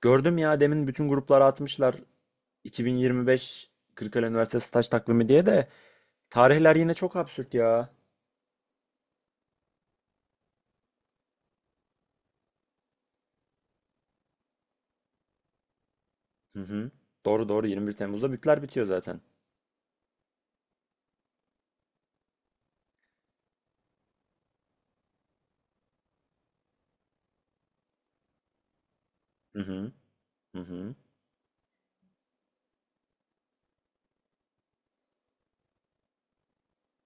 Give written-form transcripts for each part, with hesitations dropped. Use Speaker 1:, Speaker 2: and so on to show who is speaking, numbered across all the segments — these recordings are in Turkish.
Speaker 1: Gördüm ya, demin bütün gruplara atmışlar. 2025 Kırıkkale Üniversitesi staj takvimi diye de tarihler yine çok absürt ya. Hı hı. Doğru doğru, 21 Temmuz'da bütler bitiyor zaten. Hı hı. Hı hı.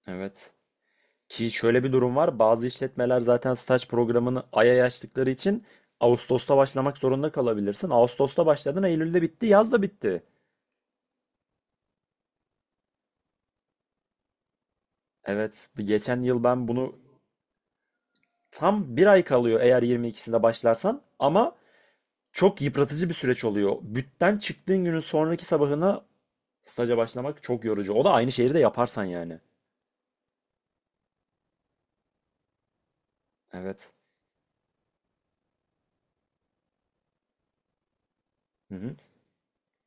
Speaker 1: Evet. Ki şöyle bir durum var. Bazı işletmeler zaten staj programını aya yaştıkları için Ağustos'ta başlamak zorunda kalabilirsin. Ağustos'ta başladın, Eylül'de bitti, yaz da bitti. Evet, bir geçen yıl ben bunu tam bir ay kalıyor eğer 22'sinde başlarsan ama çok yıpratıcı bir süreç oluyor. Bütten çıktığın günün sonraki sabahına staja başlamak çok yorucu. O da aynı şehirde yaparsan yani. Evet. Hı hı.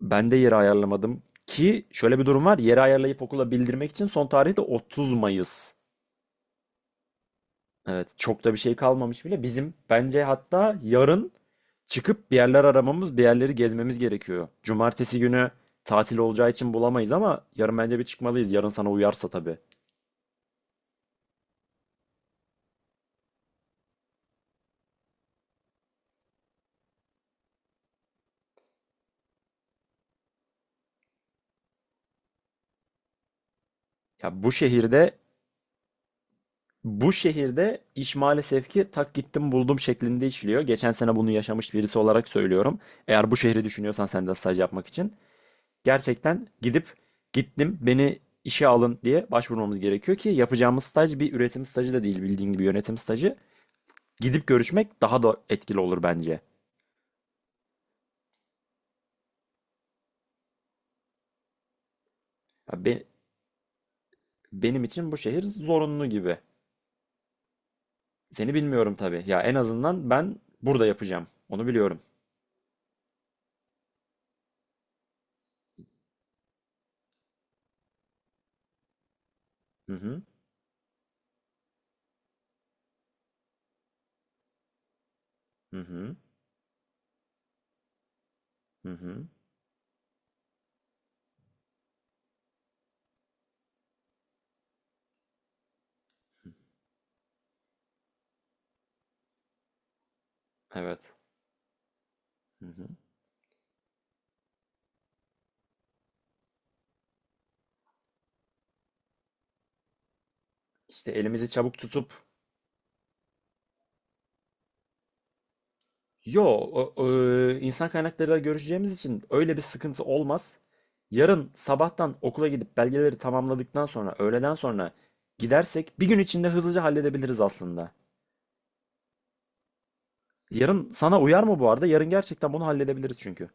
Speaker 1: Ben de yeri ayarlamadım. Ki şöyle bir durum var. Yeri ayarlayıp okula bildirmek için son tarih de 30 Mayıs. Evet, çok da bir şey kalmamış bile. Bizim bence hatta yarın çıkıp bir yerler aramamız, bir yerleri gezmemiz gerekiyor. Cumartesi günü tatil olacağı için bulamayız ama yarın bence bir çıkmalıyız. Yarın sana uyarsa tabii. Ya bu şehirde Bu şehirde iş maalesef ki tak gittim buldum şeklinde işliyor. Geçen sene bunu yaşamış birisi olarak söylüyorum. Eğer bu şehri düşünüyorsan sen de staj yapmak için gerçekten gidip gittim beni işe alın diye başvurmamız gerekiyor ki yapacağımız staj bir üretim stajı da değil, bildiğin gibi yönetim stajı. Gidip görüşmek daha da etkili olur bence. Ya benim için bu şehir zorunlu gibi. Seni bilmiyorum tabii. Ya en azından ben burada yapacağım. Onu biliyorum. Hı hı. Hı hı. Hı hı. Evet. Hı hı. İşte elimizi çabuk tutup yo o- o, insan kaynaklarıyla görüşeceğimiz için öyle bir sıkıntı olmaz. Yarın sabahtan okula gidip belgeleri tamamladıktan sonra öğleden sonra gidersek bir gün içinde hızlıca halledebiliriz aslında. Yarın sana uyar mı bu arada? Yarın gerçekten bunu halledebiliriz çünkü.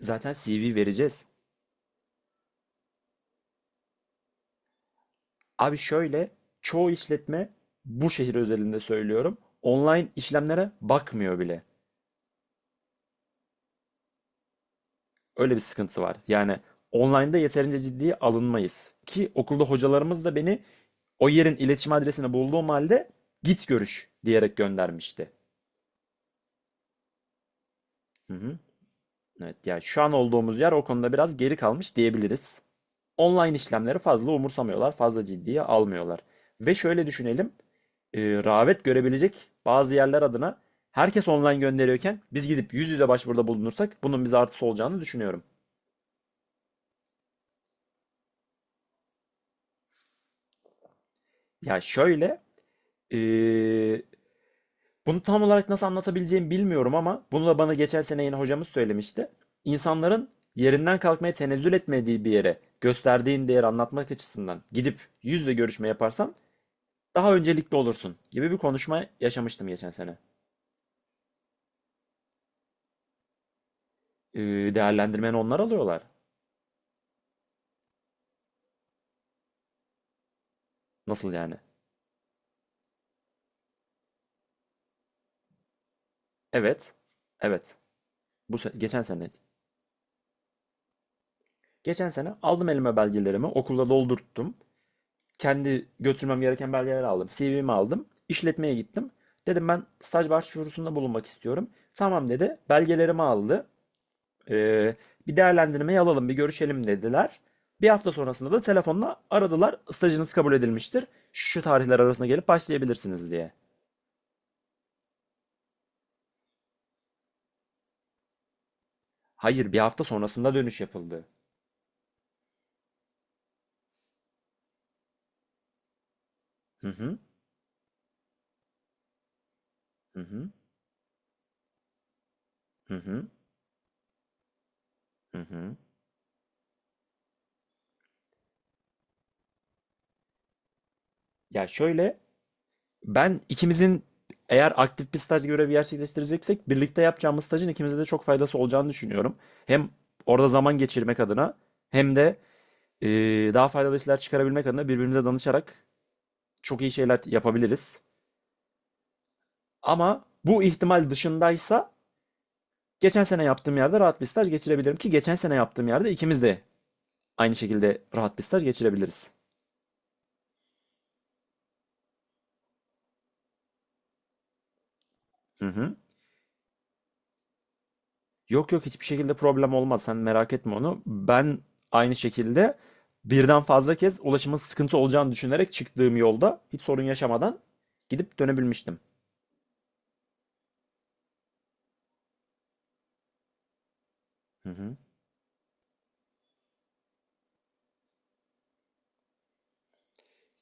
Speaker 1: Zaten CV vereceğiz. Abi şöyle, çoğu işletme, bu şehir özelinde söylüyorum, online işlemlere bakmıyor bile. Öyle bir sıkıntı var. Yani online'da yeterince ciddiye alınmayız. Ki okulda hocalarımız da beni o yerin iletişim adresini bulduğum halde git görüş diyerek göndermişti. Hı hı. Evet yani şu an olduğumuz yer o konuda biraz geri kalmış diyebiliriz. Online işlemleri fazla umursamıyorlar, fazla ciddiye almıyorlar. Ve şöyle düşünelim, rağbet görebilecek bazı yerler adına herkes online gönderiyorken biz gidip yüz yüze başvuruda bulunursak bunun bize artısı olacağını düşünüyorum. Ya şöyle, e, bunu tam olarak nasıl anlatabileceğimi bilmiyorum ama bunu da bana geçen sene yine hocamız söylemişti. İnsanların yerinden kalkmaya tenezzül etmediği bir yere gösterdiğin değeri anlatmak açısından gidip yüzle görüşme yaparsan daha öncelikli olursun gibi bir konuşma yaşamıştım geçen sene. Ee, Değerlendirmeni onlar alıyorlar. Nasıl yani? Evet. Evet. Geçen sene. Geçen sene aldım elime belgelerimi, okulda doldurttum. Kendi götürmem gereken belgeleri aldım. CV'mi aldım. İşletmeye gittim. Dedim ben staj başvurusunda bulunmak istiyorum. Tamam dedi. Belgelerimi aldı. Ee, Bir değerlendirmeyi alalım, bir görüşelim dediler. Bir hafta sonrasında da telefonla aradılar. Stajınız kabul edilmiştir. Şu tarihler arasında gelip başlayabilirsiniz diye. Hayır, bir hafta sonrasında dönüş yapıldı. Hı hı, hı hı, hı hı, hı hı. Ya şöyle, ben ikimizin, eğer aktif bir staj görevi gerçekleştireceksek, birlikte yapacağımız stajın ikimize de çok faydası olacağını düşünüyorum. Hem orada zaman geçirmek adına, hem de e, daha faydalı işler çıkarabilmek adına birbirimize danışarak çok iyi şeyler yapabiliriz. Ama bu ihtimal dışındaysa geçen sene yaptığım yerde rahat bir staj geçirebilirim ki geçen sene yaptığım yerde ikimiz de aynı şekilde rahat bir staj geçirebiliriz. Hı hı. Yok yok, hiçbir şekilde problem olmaz. Sen merak etme onu. Ben aynı şekilde birden fazla kez ulaşımın sıkıntı olacağını düşünerek çıktığım yolda hiç sorun yaşamadan gidip dönebilmiştim. Hı hı.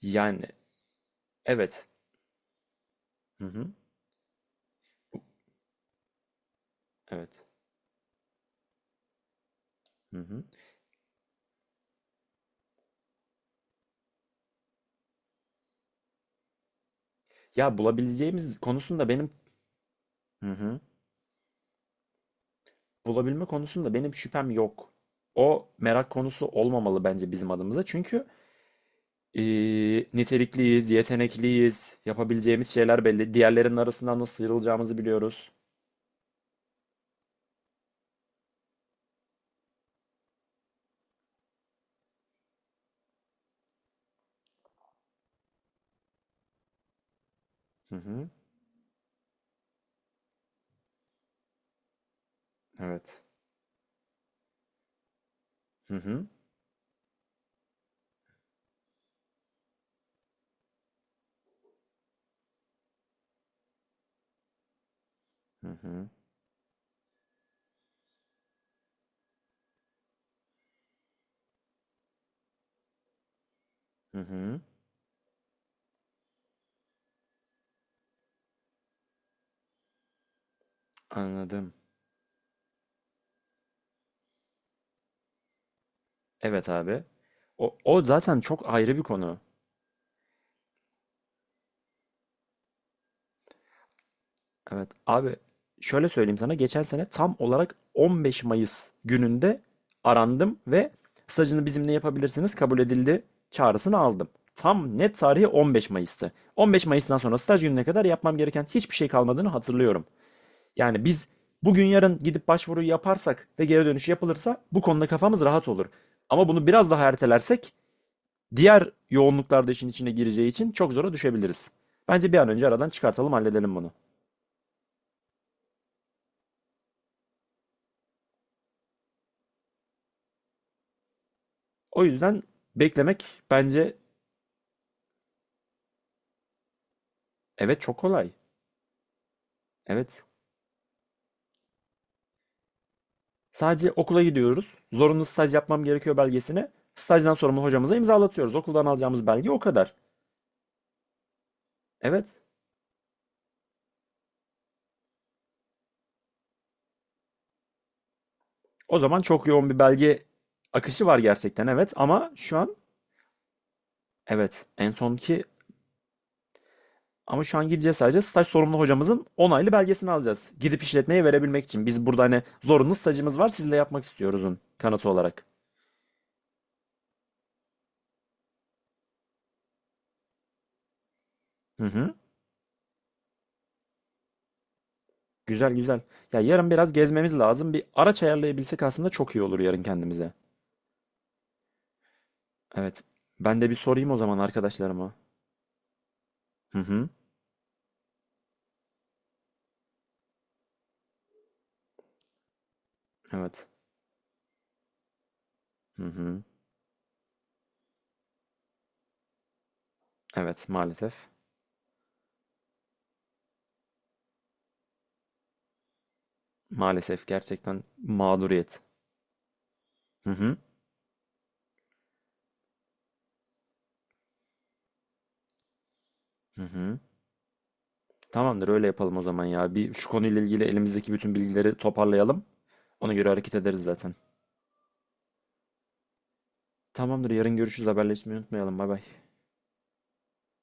Speaker 1: Yani evet. Hı hı. Evet. Hı hı. Ya bulabileceğimiz konusunda benim, hı hı. Bulabilme konusunda benim şüphem yok. O merak konusu olmamalı bence bizim adımıza. Çünkü nitelikliyiz, yetenekliyiz, yapabileceğimiz şeyler belli. Diğerlerinin arasından nasıl sıyrılacağımızı biliyoruz. Evet. Hı hı. Hı hı. Hı hı. Anladım. Evet abi. O zaten çok ayrı bir konu. Evet abi, şöyle söyleyeyim sana, geçen sene tam olarak 15 Mayıs gününde arandım ve stajını bizimle yapabilirsiniz, kabul edildi çağrısını aldım. Tam net tarihi 15 Mayıs'tı. 15 Mayıs'tan sonra staj gününe kadar yapmam gereken hiçbir şey kalmadığını hatırlıyorum. Yani biz bugün yarın gidip başvuruyu yaparsak ve geri dönüş yapılırsa bu konuda kafamız rahat olur. Ama bunu biraz daha ertelersek diğer yoğunluklarda işin içine gireceği için çok zora düşebiliriz. Bence bir an önce aradan çıkartalım, halledelim bunu. O yüzden beklemek bence. Evet, çok kolay. Evet. Sadece okula gidiyoruz. Zorunlu staj yapmam gerekiyor belgesine. Stajdan sorumlu hocamıza imzalatıyoruz. Okuldan alacağımız belge o kadar. Evet. O zaman çok yoğun bir belge akışı var gerçekten, evet, ama şu an. Evet, en son ki. Ama şu an gideceğiz, sadece staj sorumlu hocamızın onaylı belgesini alacağız, gidip işletmeye verebilmek için. Biz burada hani zorunlu stajımız var sizle yapmak istiyoruzun kanıtı olarak. Hı hı. Güzel güzel. Ya yarın biraz gezmemiz lazım. Bir araç ayarlayabilsek aslında çok iyi olur yarın kendimize. Evet. Ben de bir sorayım o zaman arkadaşlarıma. Hı hı. Evet. Hı hı. Evet maalesef. Maalesef gerçekten mağduriyet. Hı hı. Hı hı. Tamamdır, öyle yapalım o zaman ya. Bir şu konuyla ilgili elimizdeki bütün bilgileri toparlayalım. Ona göre hareket ederiz zaten. Tamamdır, yarın görüşürüz, haberleşmeyi unutmayalım. Bay bay.